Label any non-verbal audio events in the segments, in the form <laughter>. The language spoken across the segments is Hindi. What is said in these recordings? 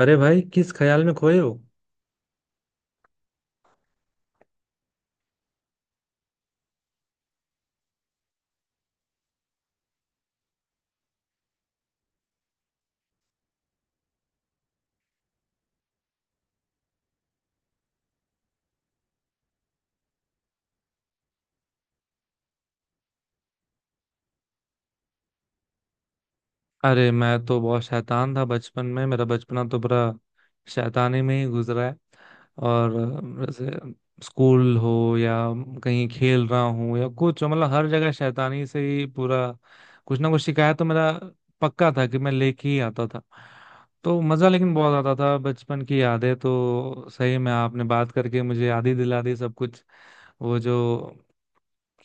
अरे भाई किस ख्याल में खोए हो। अरे मैं तो बहुत शैतान था बचपन में। मेरा बचपना तो पूरा शैतानी में ही गुजरा है। और जैसे स्कूल हो या कहीं खेल रहा हूँ या कुछ, मतलब हर जगह शैतानी से ही पूरा। कुछ ना कुछ शिकायत तो मेरा पक्का था कि मैं लेके ही आता था। तो मज़ा लेकिन बहुत आता था। बचपन की यादें तो सही में आपने बात करके मुझे याद ही दिला दी सब कुछ। वो जो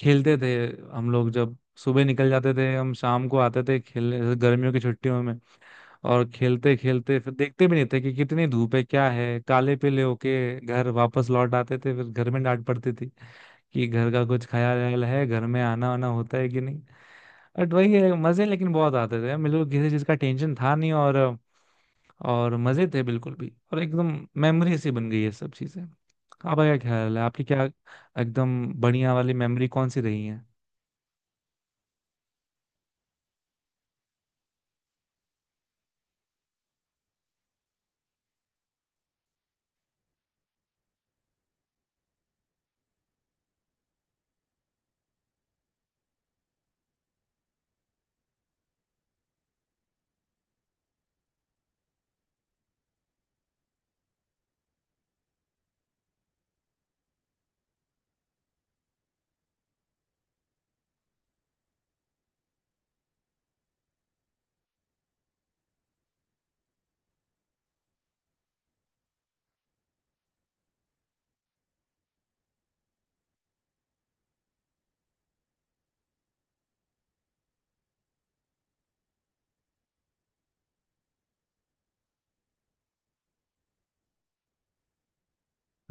खेलते थे हम लोग, जब सुबह निकल जाते थे हम शाम को आते थे खेलने, जैसे गर्मियों की छुट्टियों में। और खेलते खेलते फिर देखते भी नहीं थे कि कितनी धूप है, क्या है, काले पीले होके घर वापस लौट आते थे। फिर घर में डांट पड़ती थी कि घर का कुछ खाया वाया है, घर में आना वाना होता है कि नहीं। बट वही है, मजे लेकिन बहुत आते थे। मेरे को किसी चीज का टेंशन था नहीं, और और मजे थे बिल्कुल भी, और एकदम मेमोरी सी बन गई है सब चीजें। आपका क्या ख्याल है, आपकी क्या एकदम बढ़िया वाली मेमोरी कौन सी रही है।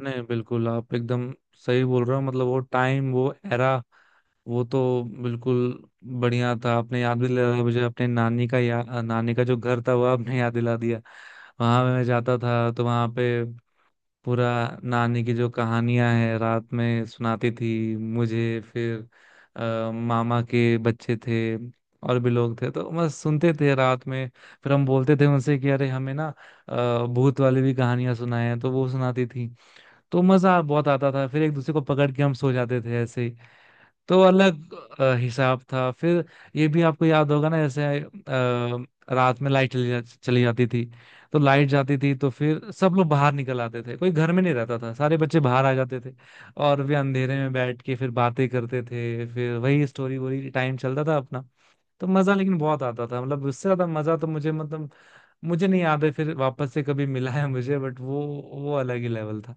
नहीं, बिल्कुल, आप एकदम सही बोल रहे हो। मतलब वो टाइम, वो एरा वो तो बिल्कुल बढ़िया था। आपने याद भी दिलाया मुझे, अपने नानी का या नानी का जो घर था वो आपने याद दिला दिया। वहां मैं जाता था तो वहां पे पूरा, नानी की जो कहानियां हैं रात में सुनाती थी मुझे। फिर मामा के बच्चे थे और भी लोग थे तो बस सुनते थे रात में। फिर हम बोलते थे उनसे कि अरे हमें ना भूत वाली भी कहानियां सुनाए, तो वो सुनाती थी। तो मजा बहुत आता था। फिर एक दूसरे को पकड़ के हम सो जाते थे ऐसे ही। तो अलग हिसाब था। फिर ये भी आपको याद होगा ना, जैसे रात में लाइट चली जाती थी। तो लाइट जाती थी तो फिर सब लोग बाहर निकल आते थे, कोई घर में नहीं रहता था, सारे बच्चे बाहर आ जाते थे। और वे अंधेरे में बैठ के फिर बातें करते थे, फिर वही स्टोरी वोरी टाइम चलता था अपना। तो मजा लेकिन बहुत आता था। मतलब उससे ज्यादा मजा तो मुझे, मतलब मुझे नहीं याद है फिर वापस से कभी मिला है मुझे। बट वो अलग ही लेवल था।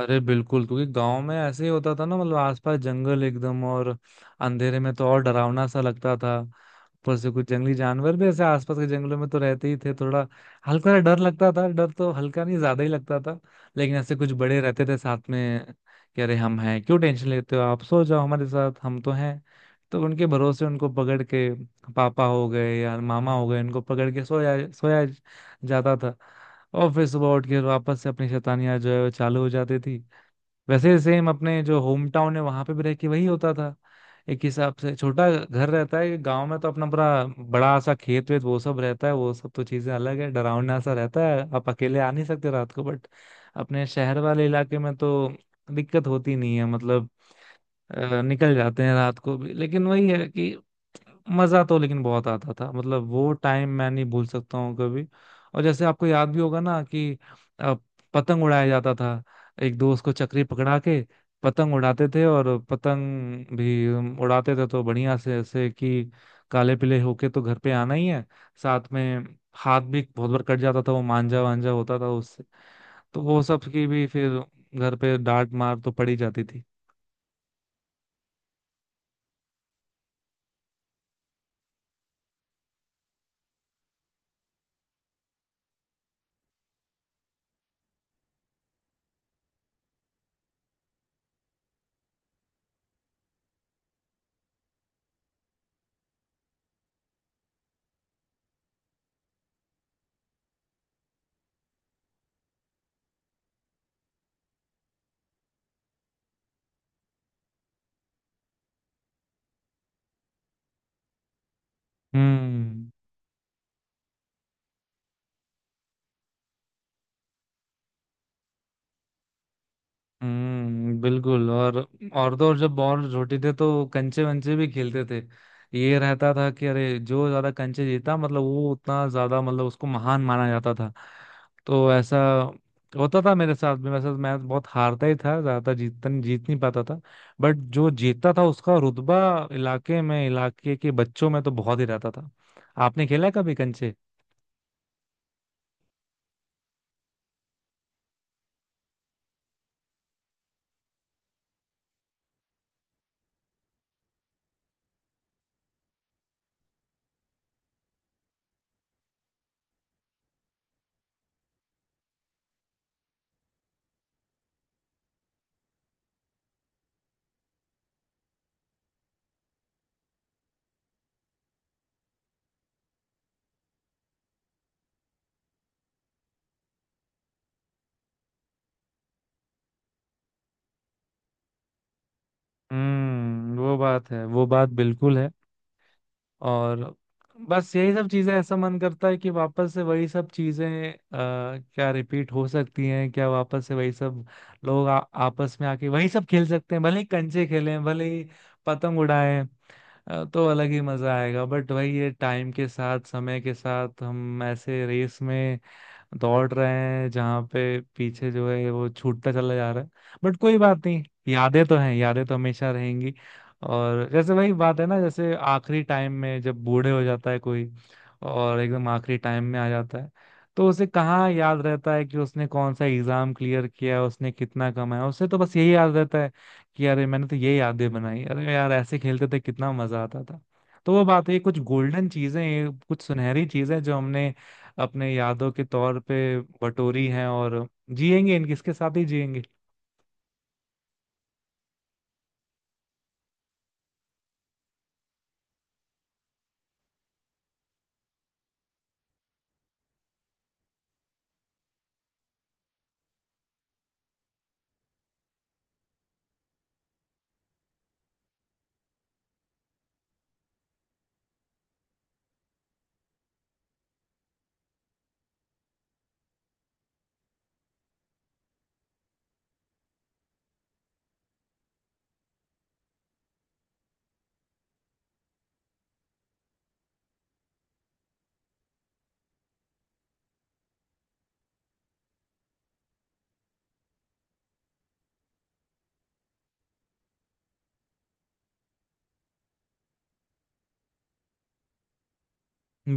अरे बिल्कुल, क्योंकि गांव में ऐसे ही होता था ना। मतलब आसपास जंगल एकदम, और अंधेरे में तो और डरावना सा लगता था। ऊपर से कुछ जंगली जानवर भी ऐसे आसपास के जंगलों में तो रहते ही थे, थोड़ा हल्का सा डर लगता था। डर तो हल्का नहीं, ज्यादा ही लगता था। लेकिन ऐसे कुछ बड़े रहते थे साथ में कि अरे हम हैं, क्यों टेंशन लेते हो, आप सो जाओ हमारे साथ, हम तो हैं। तो उनके भरोसे, उनको पकड़ के, पापा हो गए या मामा हो गए, उनको पकड़ के सोया सोया जाता था। और फिर सुबह उठ के वापस से अपनी शैतानियां जो है वो चालू हो जाती थी। वैसे सेम अपने जो होम टाउन है वहां पे भी रह के वही होता था। एक हिसाब से छोटा घर रहता है गांव में, तो अपना बड़ा बड़ा सा खेत वेत वो सब रहता है, वो सब तो चीजें अलग है, डरावना सा रहता है, आप अकेले आ नहीं सकते रात को। बट अपने शहर वाले इलाके में तो दिक्कत होती नहीं है। मतलब निकल जाते हैं रात को भी। लेकिन वही है कि मजा तो लेकिन बहुत आता था। मतलब वो टाइम मैं नहीं भूल सकता हूँ कभी। और जैसे आपको याद भी होगा ना कि अ, पतंग उड़ाया जाता था, एक दोस्त को चक्री पकड़ा के पतंग उड़ाते थे। और पतंग भी हम उड़ाते थे तो बढ़िया से, ऐसे कि काले पीले होके तो घर पे आना ही है। साथ में हाथ भी बहुत बार कट जाता था, वो मांजा वांजा होता था उससे। तो वो सब की भी फिर घर पे डांट मार तो पड़ी जाती थी। हम्म। हम्म, बिल्कुल। और तो और जब और छोटे थे तो कंचे वंचे भी खेलते थे। ये रहता था कि अरे जो ज्यादा कंचे जीता, मतलब वो उतना ज्यादा, मतलब उसको महान माना जाता था। तो ऐसा होता था मेरे साथ भी। वैसे तो मैं बहुत हारता ही था ज्यादातर, जीतता नहीं, जीत नहीं पाता था। बट जो जीतता था उसका रुतबा इलाके में, इलाके के बच्चों में तो बहुत ही रहता था। आपने खेला है कभी कंचे। हम्म, वो बात है, वो बात बिल्कुल है। और बस यही सब चीजें, ऐसा मन करता है कि वापस से वही सब चीजें अ, क्या रिपीट हो सकती हैं क्या, वापस से वही सब लोग आपस में आके वही सब खेल सकते हैं, भले ही कंचे खेलें, भले ही पतंग उड़ाएं। तो अलग ही मजा आएगा। बट वही है, टाइम के साथ, समय के साथ हम ऐसे रेस में दौड़ रहे हैं जहाँ पे पीछे जो है वो छूटता चला जा रहा है। बट कोई बात नहीं, यादें तो हैं, यादें तो हमेशा रहेंगी। और जैसे वही बात है ना, जैसे आखिरी टाइम में जब बूढ़े हो जाता है कोई और एकदम आखिरी टाइम में आ जाता है, तो उसे कहाँ याद रहता है कि उसने कौन सा एग्जाम क्लियर किया, उसने कितना कमाया। उसे तो बस यही याद रहता है कि अरे मैंने तो ये यादें बनाई, अरे यार ऐसे खेलते थे, कितना मजा आता था। तो वो बात है, ये कुछ गोल्डन चीजें हैं, ये कुछ सुनहरी चीजें हैं जो हमने अपने यादों के तौर पे बटोरी हैं। और जिएंगे, इनके इसके साथ ही जिएंगे।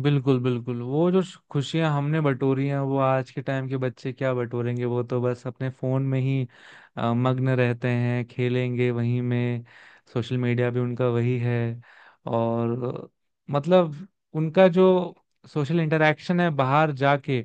बिल्कुल बिल्कुल, वो जो खुशियां हमने बटोरी हैं वो आज के टाइम के बच्चे क्या बटोरेंगे। वो तो बस अपने फोन में ही मग्न रहते हैं, खेलेंगे वहीं में, सोशल मीडिया भी उनका वही है। और मतलब उनका जो सोशल इंटरेक्शन है बाहर जाके,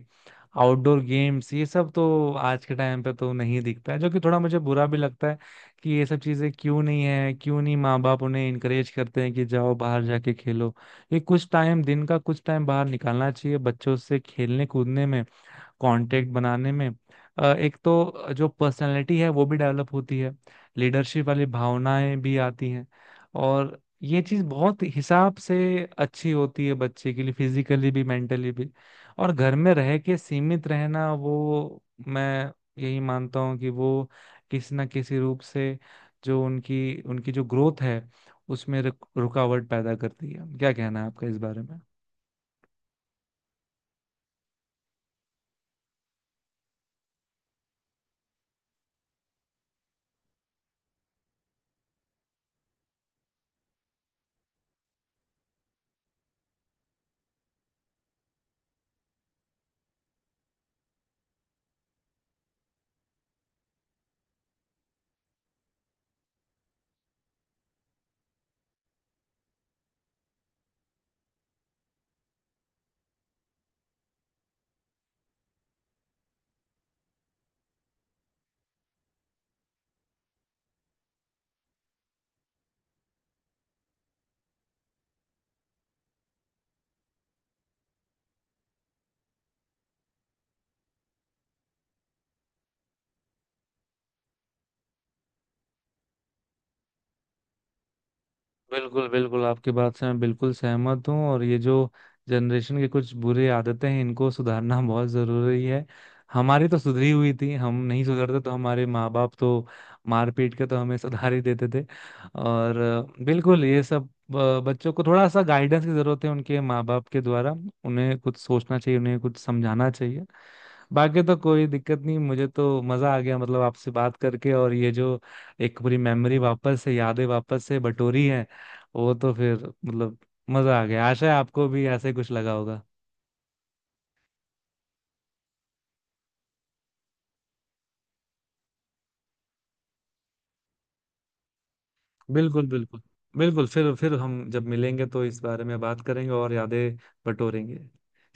आउटडोर गेम्स, ये सब तो आज के टाइम पे तो नहीं दिखता है। जो कि थोड़ा मुझे बुरा भी लगता है कि ये सब चीजें क्यों नहीं है, क्यों नहीं माँ बाप उन्हें इनकरेज करते हैं कि जाओ बाहर जाके खेलो। ये कुछ टाइम, दिन का कुछ टाइम बाहर निकालना चाहिए बच्चों से खेलने कूदने में, कांटेक्ट बनाने में। एक तो जो पर्सनालिटी है वो भी डेवलप होती है, लीडरशिप वाली भावनाएं भी आती हैं। और ये चीज़ बहुत हिसाब से अच्छी होती है बच्चे के लिए, फिजिकली भी मेंटली भी। और घर में रह के सीमित रहना, वो मैं यही मानता हूँ कि वो किसी ना किसी रूप से जो उनकी उनकी जो ग्रोथ है उसमें रुकावट पैदा करती है। क्या कहना है आपका इस बारे में। बिल्कुल बिल्कुल, आपकी बात से मैं बिल्कुल सहमत हूँ। और ये जो जनरेशन की कुछ बुरी आदतें हैं इनको सुधारना <laughs> बहुत जरूरी है। हमारी तो सुधरी हुई थी, हम नहीं सुधरते तो हमारे माँ बाप तो मार पीट के तो हमें सुधार ही देते थे। और बिल्कुल ये सब बच्चों को थोड़ा सा गाइडेंस की जरूरत है उनके माँ बाप के द्वारा। उन्हें कुछ सोचना चाहिए, उन्हें कुछ समझाना चाहिए। बाकी तो कोई दिक्कत नहीं, मुझे तो मजा आ गया मतलब आपसे बात करके। और ये जो एक पूरी मेमोरी वापस से, यादें वापस से बटोरी है, वो तो फिर मतलब मजा आ गया। आशा है आपको भी ऐसे ही कुछ लगा होगा। बिल्कुल बिल्कुल, बिल्कुल। फिर हम जब मिलेंगे तो इस बारे में बात करेंगे और यादें बटोरेंगे।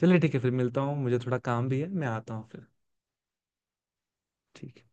चलिए ठीक है, फिर मिलता हूँ, मुझे थोड़ा काम भी है, मैं आता हूँ फिर। ठीक है।